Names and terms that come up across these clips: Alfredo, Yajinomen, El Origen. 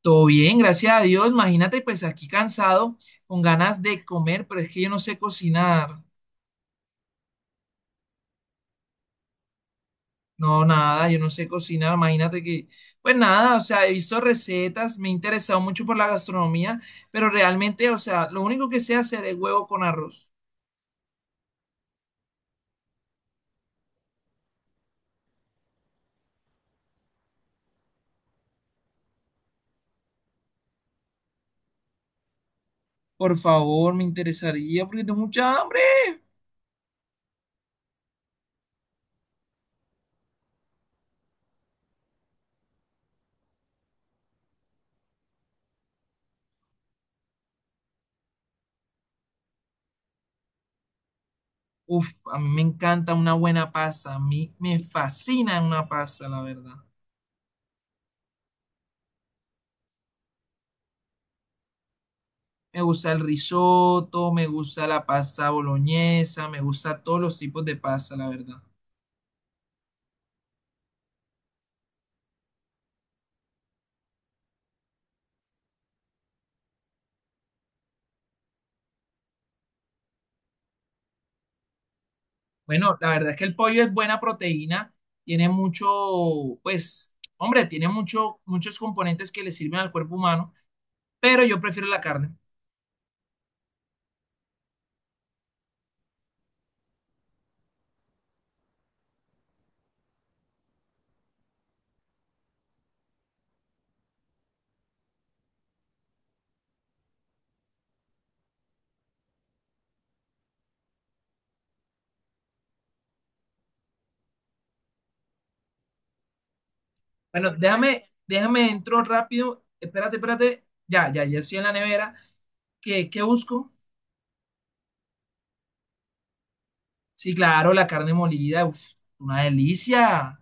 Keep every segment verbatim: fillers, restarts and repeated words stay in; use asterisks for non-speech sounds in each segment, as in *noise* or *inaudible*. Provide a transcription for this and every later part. Todo bien, gracias a Dios. Imagínate, pues aquí cansado, con ganas de comer, pero es que yo no sé cocinar. No, nada, yo no sé cocinar. Imagínate que, pues nada, o sea, he visto recetas, me he interesado mucho por la gastronomía, pero realmente, o sea, lo único que sé hacer es huevo con arroz. Por favor, me interesaría porque tengo mucha hambre. Uf, a mí me encanta una buena pasta, a mí me fascina una pasta, la verdad. Me gusta el risotto, me gusta la pasta boloñesa, me gusta todos los tipos de pasta, la verdad. Bueno, la verdad es que el pollo es buena proteína, tiene mucho, pues, hombre, tiene mucho, muchos componentes que le sirven al cuerpo humano, pero yo prefiero la carne. Bueno, déjame, déjame entro rápido. Espérate, espérate. Ya, ya, ya estoy en la nevera. ¿Qué, qué busco? Sí, claro, la carne molida, uf, una delicia.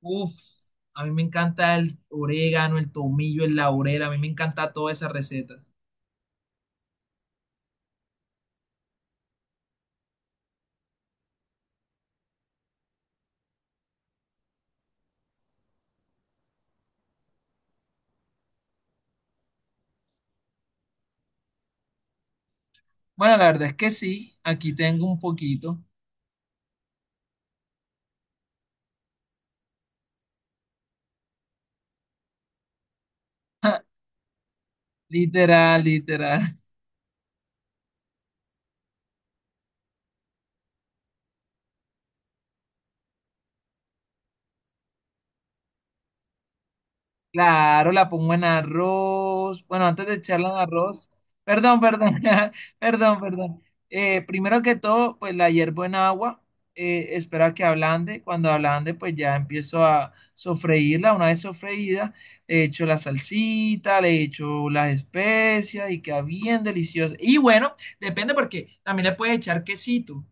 Uf, a mí me encanta el orégano, el tomillo, el laurel, a mí me encanta todas esas recetas. Bueno, la verdad es que sí, aquí tengo un poquito. *laughs* Literal, literal. Claro, la pongo en arroz. Bueno, antes de echarla en arroz. Perdón, perdón, *laughs* perdón, perdón. Eh, primero que todo, pues la hiervo en agua. Eh, espero a que ablande. Cuando ablande, pues ya empiezo a sofreírla. Una vez sofreída, le echo la salsita, le echo las especias y queda bien deliciosa. Y bueno, depende porque también le puedes echar quesito.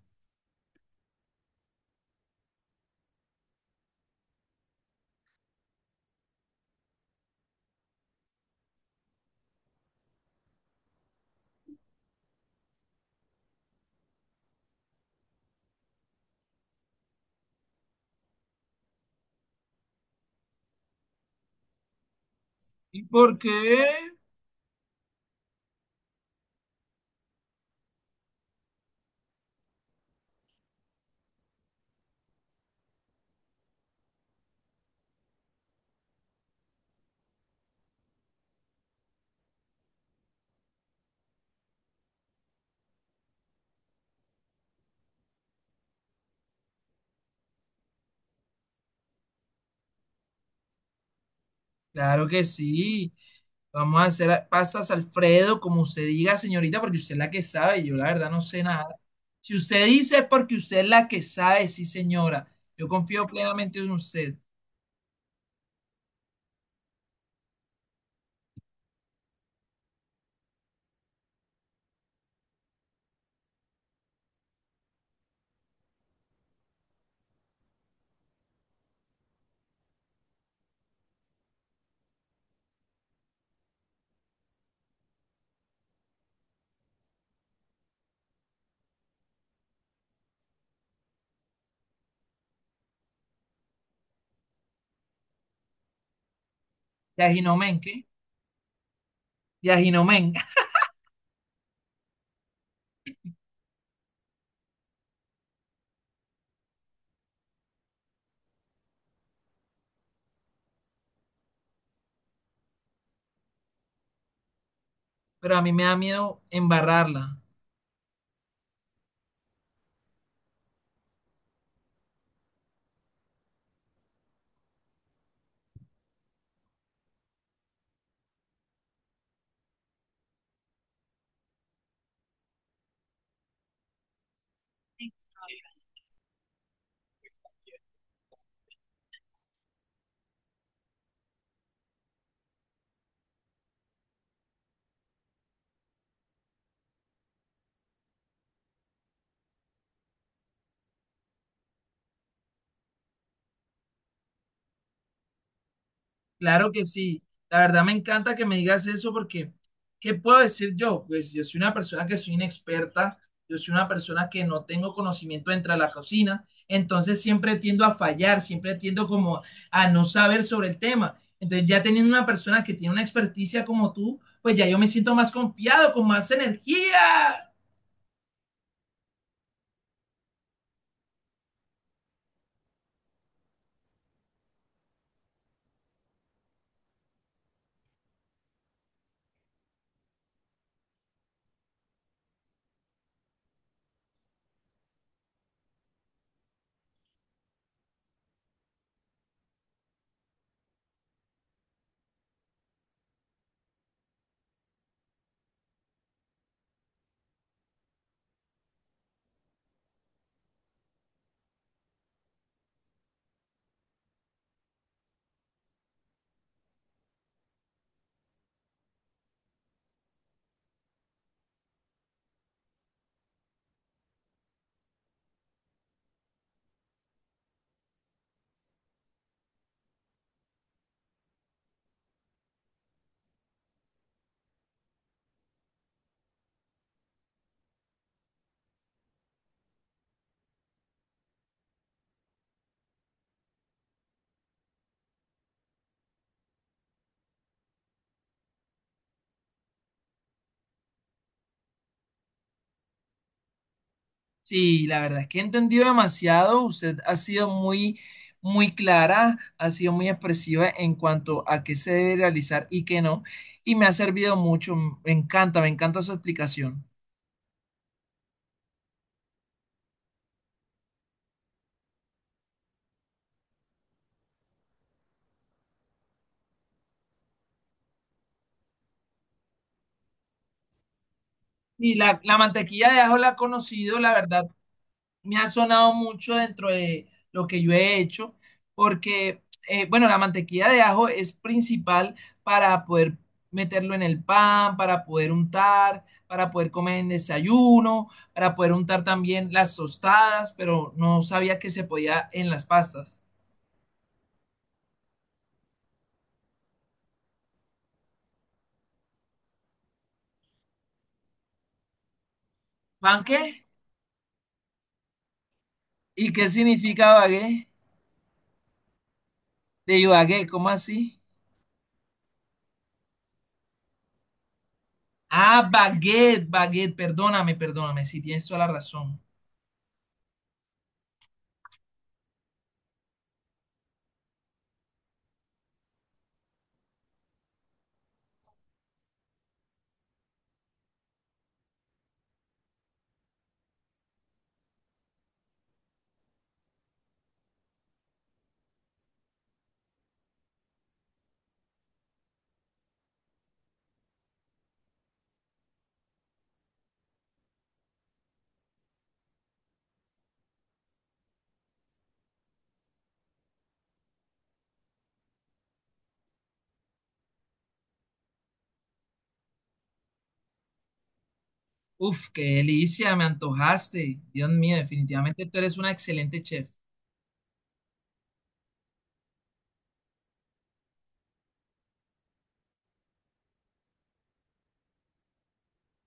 ¿Y por qué? Claro que sí. Vamos a hacer a- pasas, Alfredo, como usted diga, señorita, porque usted es la que sabe. Yo la verdad no sé nada. Si usted dice es porque usted es la que sabe, sí, señora. Yo confío plenamente en usted. Yajinomen, ¿qué? Yajinomen. *laughs* Pero a mí me da miedo embarrarla. Claro que sí. La verdad me encanta que me digas eso porque, ¿qué puedo decir yo? Pues yo soy una persona que soy inexperta, yo soy una persona que no tengo conocimiento dentro de la cocina, entonces siempre tiendo a fallar, siempre tiendo como a no saber sobre el tema. Entonces ya teniendo una persona que tiene una experticia como tú, pues ya yo me siento más confiado, con más energía. Sí, la verdad es que he entendido demasiado. Usted ha sido muy, muy clara, ha sido muy expresiva en cuanto a qué se debe realizar y qué no. Y me ha servido mucho. Me encanta, me encanta su explicación. Y la, la mantequilla de ajo la he conocido, la verdad, me ha sonado mucho dentro de lo que yo he hecho, porque, eh, bueno, la mantequilla de ajo es principal para poder meterlo en el pan, para poder untar, para poder comer en desayuno, para poder untar también las tostadas, pero no sabía que se podía en las pastas. ¿Pan qué? ¿Y qué significa bagué? De bagué, ¿cómo así? Ah, baguette, baguette, perdóname, perdóname, si tienes toda la razón. Uf, qué delicia, me antojaste. Dios mío, definitivamente tú eres una excelente chef.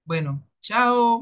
Bueno, chao.